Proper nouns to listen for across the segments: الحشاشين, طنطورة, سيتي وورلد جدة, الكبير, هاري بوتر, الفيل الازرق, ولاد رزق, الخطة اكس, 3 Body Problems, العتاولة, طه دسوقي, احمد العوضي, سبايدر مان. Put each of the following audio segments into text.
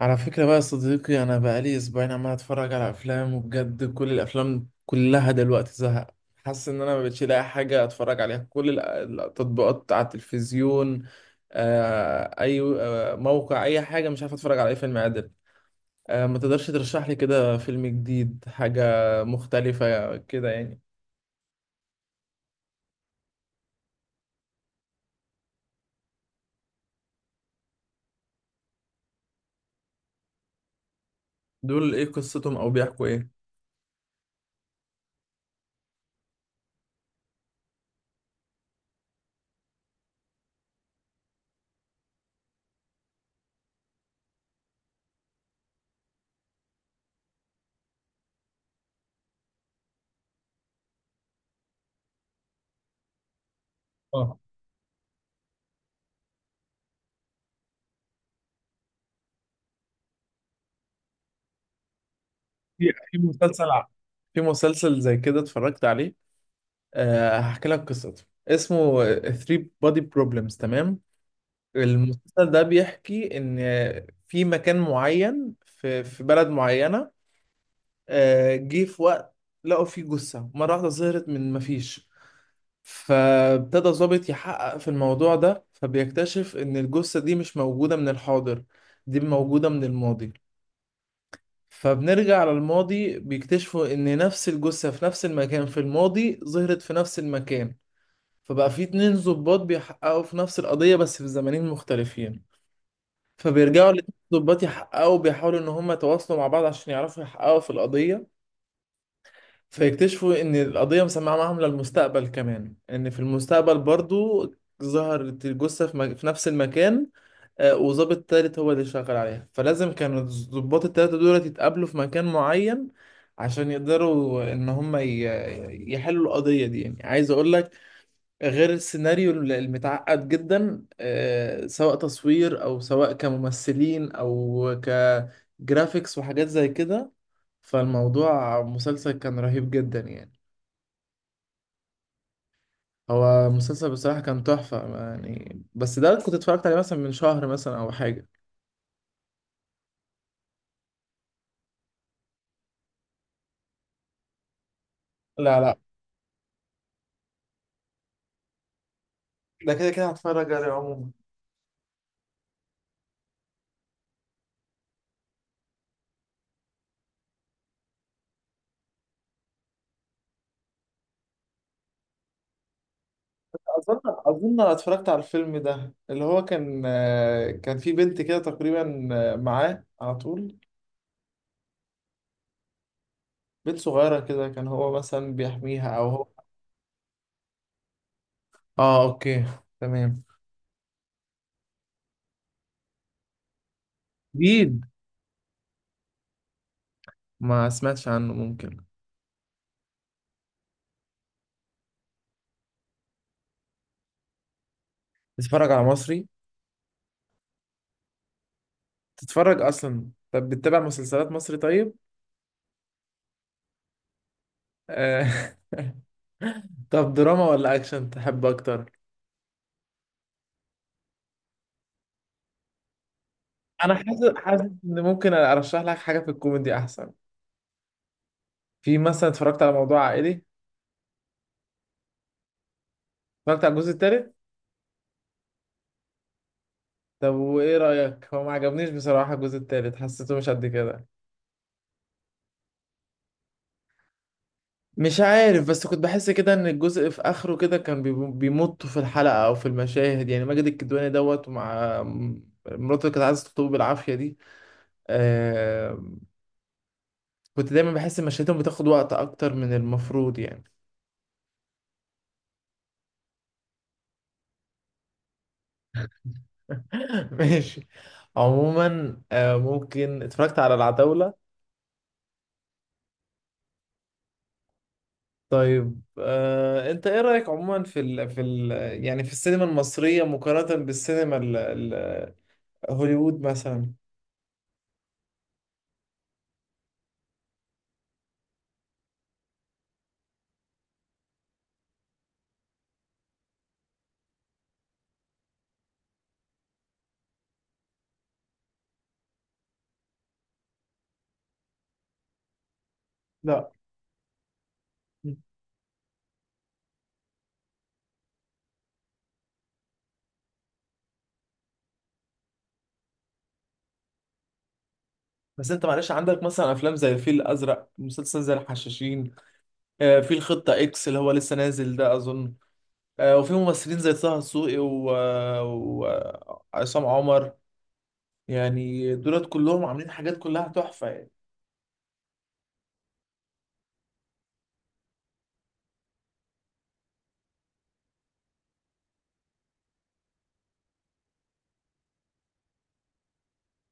على فكرة بقى يا صديقي، أنا بقالي أسبوعين عمال أتفرج على أفلام، وبجد كل الأفلام كلها دلوقتي زهق. حاسس إن أنا مبقتش لاقي حاجة أتفرج عليها. كل التطبيقات على التلفزيون. أي موقع أي حاجة، مش عارف أتفرج على أي فيلم عادل. ما تقدرش ترشح لي كده فيلم جديد، حاجة مختلفة كده يعني؟ دول إيه قصتهم أو بيحكوا إيه؟ اه في في مسلسل ع- في مسلسل زي كده اتفرجت عليه. هحكي لك قصته، اسمه 3 Body Problems، تمام؟ المسلسل ده بيحكي ان في مكان معين في بلد معينة، جه في وقت لقوا فيه جثة مرة واحدة ظهرت من مفيش. فابتدى ضابط يحقق في الموضوع ده، فبيكتشف ان الجثة دي مش موجودة من الحاضر، دي موجودة من الماضي. فبنرجع على الماضي، بيكتشفوا ان نفس الجثة في نفس المكان في الماضي ظهرت في نفس المكان. فبقى في اتنين ضباط بيحققوا في نفس القضية، بس في زمانين مختلفين. فبيرجعوا الاتنين ضباط يحققوا، بيحاولوا إن هما يتواصلوا مع بعض عشان يعرفوا يحققوا في القضية. فيكتشفوا إن القضية مسمعة معاهم للمستقبل كمان، إن في المستقبل برضو ظهرت الجثة في نفس المكان. وظابط تالت هو اللي شغال عليها، فلازم كانوا الضباط التلاتة دول يتقابلوا في مكان معين عشان يقدروا إن هما يحلوا القضية دي. يعني عايز أقول لك، غير السيناريو المتعقد جدا، سواء تصوير او سواء كممثلين او كجرافيكس وحاجات زي كده، فالموضوع مسلسل كان رهيب جدا يعني. هو مسلسل بصراحة كان تحفة يعني، بس ده كنت اتفرجت عليه مثلا من شهر مثلا او حاجة. لا لا، ده كده كده هتفرج عليه عموما. اظن أنا اتفرجت على الفيلم ده، اللي هو كان، كان في بنت كده تقريبا، معاه على طول. بنت صغيرة كده، كان هو مثلا بيحميها أو هو. اه، اوكي، تمام. جديد، ما سمعتش عنه، ممكن. تتفرج على مصري؟ تتفرج اصلا؟ طب بتتابع مسلسلات مصري؟ طيب. آه. طب دراما ولا اكشن تحب اكتر؟ انا حاسس ان ممكن ارشح لك حاجه في الكوميدي احسن. في مثلا اتفرجت على موضوع عائلي. اتفرجت على الجزء الثالث. طب وايه رايك؟ هو ما عجبنيش بصراحه الجزء الثالث، حسيته مش قد كده. مش عارف، بس كنت بحس كده ان الجزء في اخره كده كان بيمطوا في الحلقة او في المشاهد، يعني ماجد الكدواني دوت ومع مراته اللي كانت عايزة تخطبه بالعافية دي. آه كنت دايما بحس ان مشاهدهم بتاخد وقت اكتر من المفروض يعني. ماشي. عموما ممكن اتفرجت على العتاولة. طيب انت ايه رأيك عموما في ال في ال يعني في السينما المصرية مقارنة بالسينما هوليوود مثلا؟ لا، بس انت معلش، عندك مثلا افلام زي الفيل الازرق، مسلسل زي الحشاشين، في الخطه اكس اللي هو لسه نازل ده اظن، وفي ممثلين زي طه دسوقي وعصام عمر، يعني دولت كلهم عاملين حاجات كلها تحفه يعني.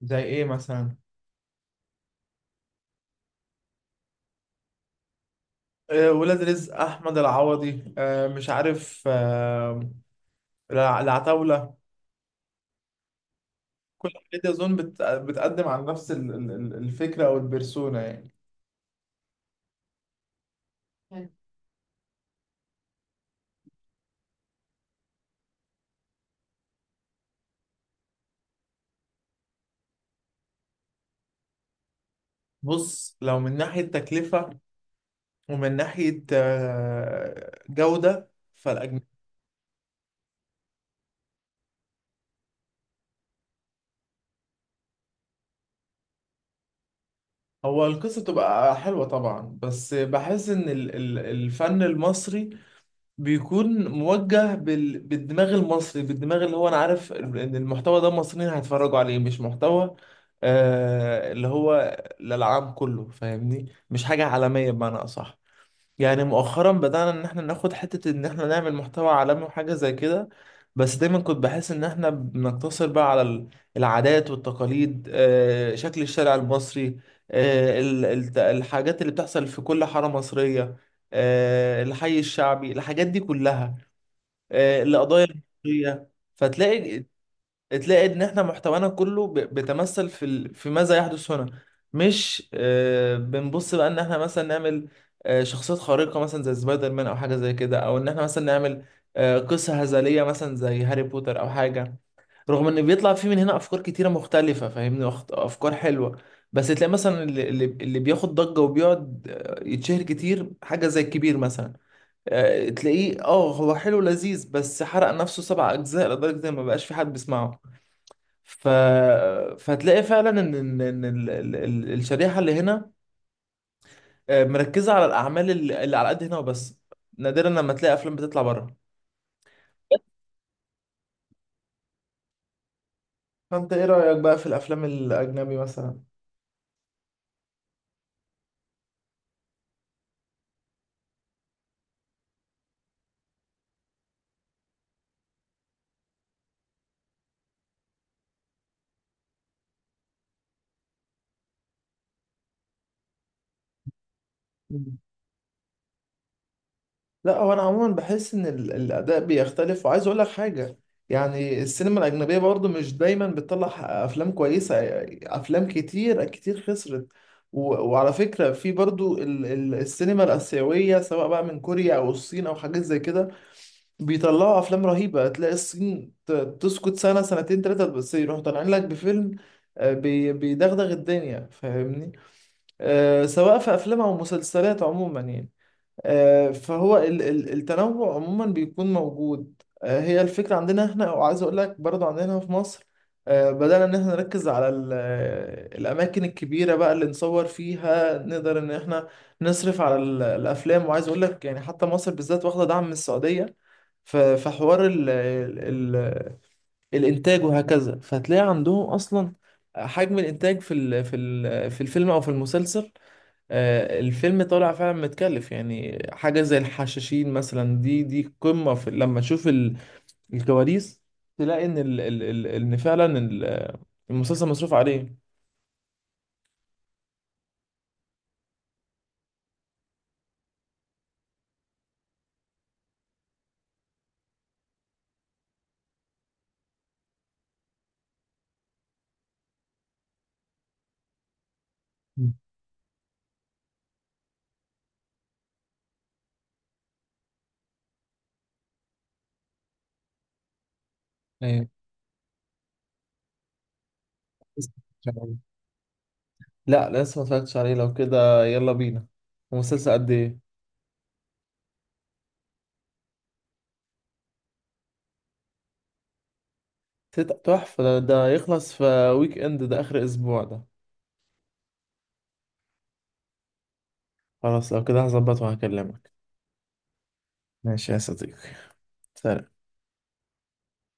زي ايه مثلا؟ ولاد رزق احمد العوضي، مش عارف، العتاوله. كل الحاجات دي اظن بتقدم عن نفس الفكره او البرسونا يعني. بص، لو من ناحيه تكلفه ومن ناحية جودة، فالأجنبي. هو القصة تبقى حلوة طبعا، بس بحس إن الفن المصري بيكون موجه بالدماغ المصري، بالدماغ اللي هو أنا عارف إن المحتوى ده المصريين هيتفرجوا عليه، مش محتوى اللي هو للعام كله، فاهمني؟ مش حاجة عالمية بمعنى أصح. يعني مؤخرا بدأنا ان احنا ناخد حتة ان احنا نعمل محتوى عالمي وحاجة زي كده، بس دايما كنت بحس ان احنا بنقتصر بقى على العادات والتقاليد، شكل الشارع المصري، الحاجات اللي بتحصل في كل حارة مصرية، الحي الشعبي، الحاجات دي كلها، القضايا المصرية. فتلاقي تلاقي ان احنا محتوانا كله بيتمثل في في ماذا يحدث هنا، مش بنبص بقى ان احنا مثلا نعمل شخصيات خارقة مثلا زي سبايدر مان او حاجة زي كده، او ان احنا مثلا نعمل قصة هزلية مثلا زي هاري بوتر او حاجة، رغم ان بيطلع فيه من هنا افكار كتيره مختلفه فاهمني، افكار حلوه. بس تلاقي مثلا اللي بياخد ضجه وبيقعد يتشهر كتير، حاجه زي الكبير مثلا، تلاقيه، هو حلو لذيذ بس حرق نفسه 7 اجزاء لدرجه ان ما بقاش في حد بيسمعه. ف... فهتلاقي فعلا ان الشريحه اللي هنا، مركزه على الاعمال اللي على قد هنا وبس. نادرا لما تلاقي افلام بتطلع بره. فانت ايه رايك بقى في الافلام الاجنبي مثلا؟ مم. لا، هو انا عموما بحس ان الاداء بيختلف، وعايز اقول لك حاجه. يعني السينما الاجنبيه برضو مش دايما بتطلع افلام كويسه، افلام كتير كتير خسرت. و- وعلى فكره، في برضو السينما الاسيويه، سواء بقى من كوريا او الصين او حاجات زي كده، بيطلعوا افلام رهيبه. تلاقي الصين تسكت سنه سنتين ثلاثه، بس يروحوا طالعين لك بفيلم بيدغدغ الدنيا، فاهمني؟ سواء في افلام او مسلسلات عموما يعني. فهو التنوع عموما بيكون موجود. هي الفكره عندنا احنا، وعايز اقول لك برضو عندنا هنا في مصر بدأنا إن إحنا نركز على الأماكن الكبيرة بقى اللي نصور فيها، نقدر إن إحنا نصرف على الأفلام. وعايز أقول لك يعني حتى مصر بالذات واخدة دعم من السعودية فحوار ال ال ال الانتاج وهكذا، فهتلاقي عندهم اصلا حجم الانتاج في الفيلم او في المسلسل، الفيلم طالع فعلا متكلف يعني، حاجه زي الحشاشين مثلا، دي قمه، في لما تشوف الكواليس، تلاقي ان ال ال ال ان فعلا المسلسل مصروف عليه. مم. ايوه، بس- مش عارف. لا، لسه ما اتفرجتش عليه. لو كده يلا بينا. ومسلسل قد ايه؟ تحفه، ده يخلص في ويك اند، ده اخر اسبوع ده. خلاص لو كده، هظبط وهكلمك. ماشي يا صديقي. سلام.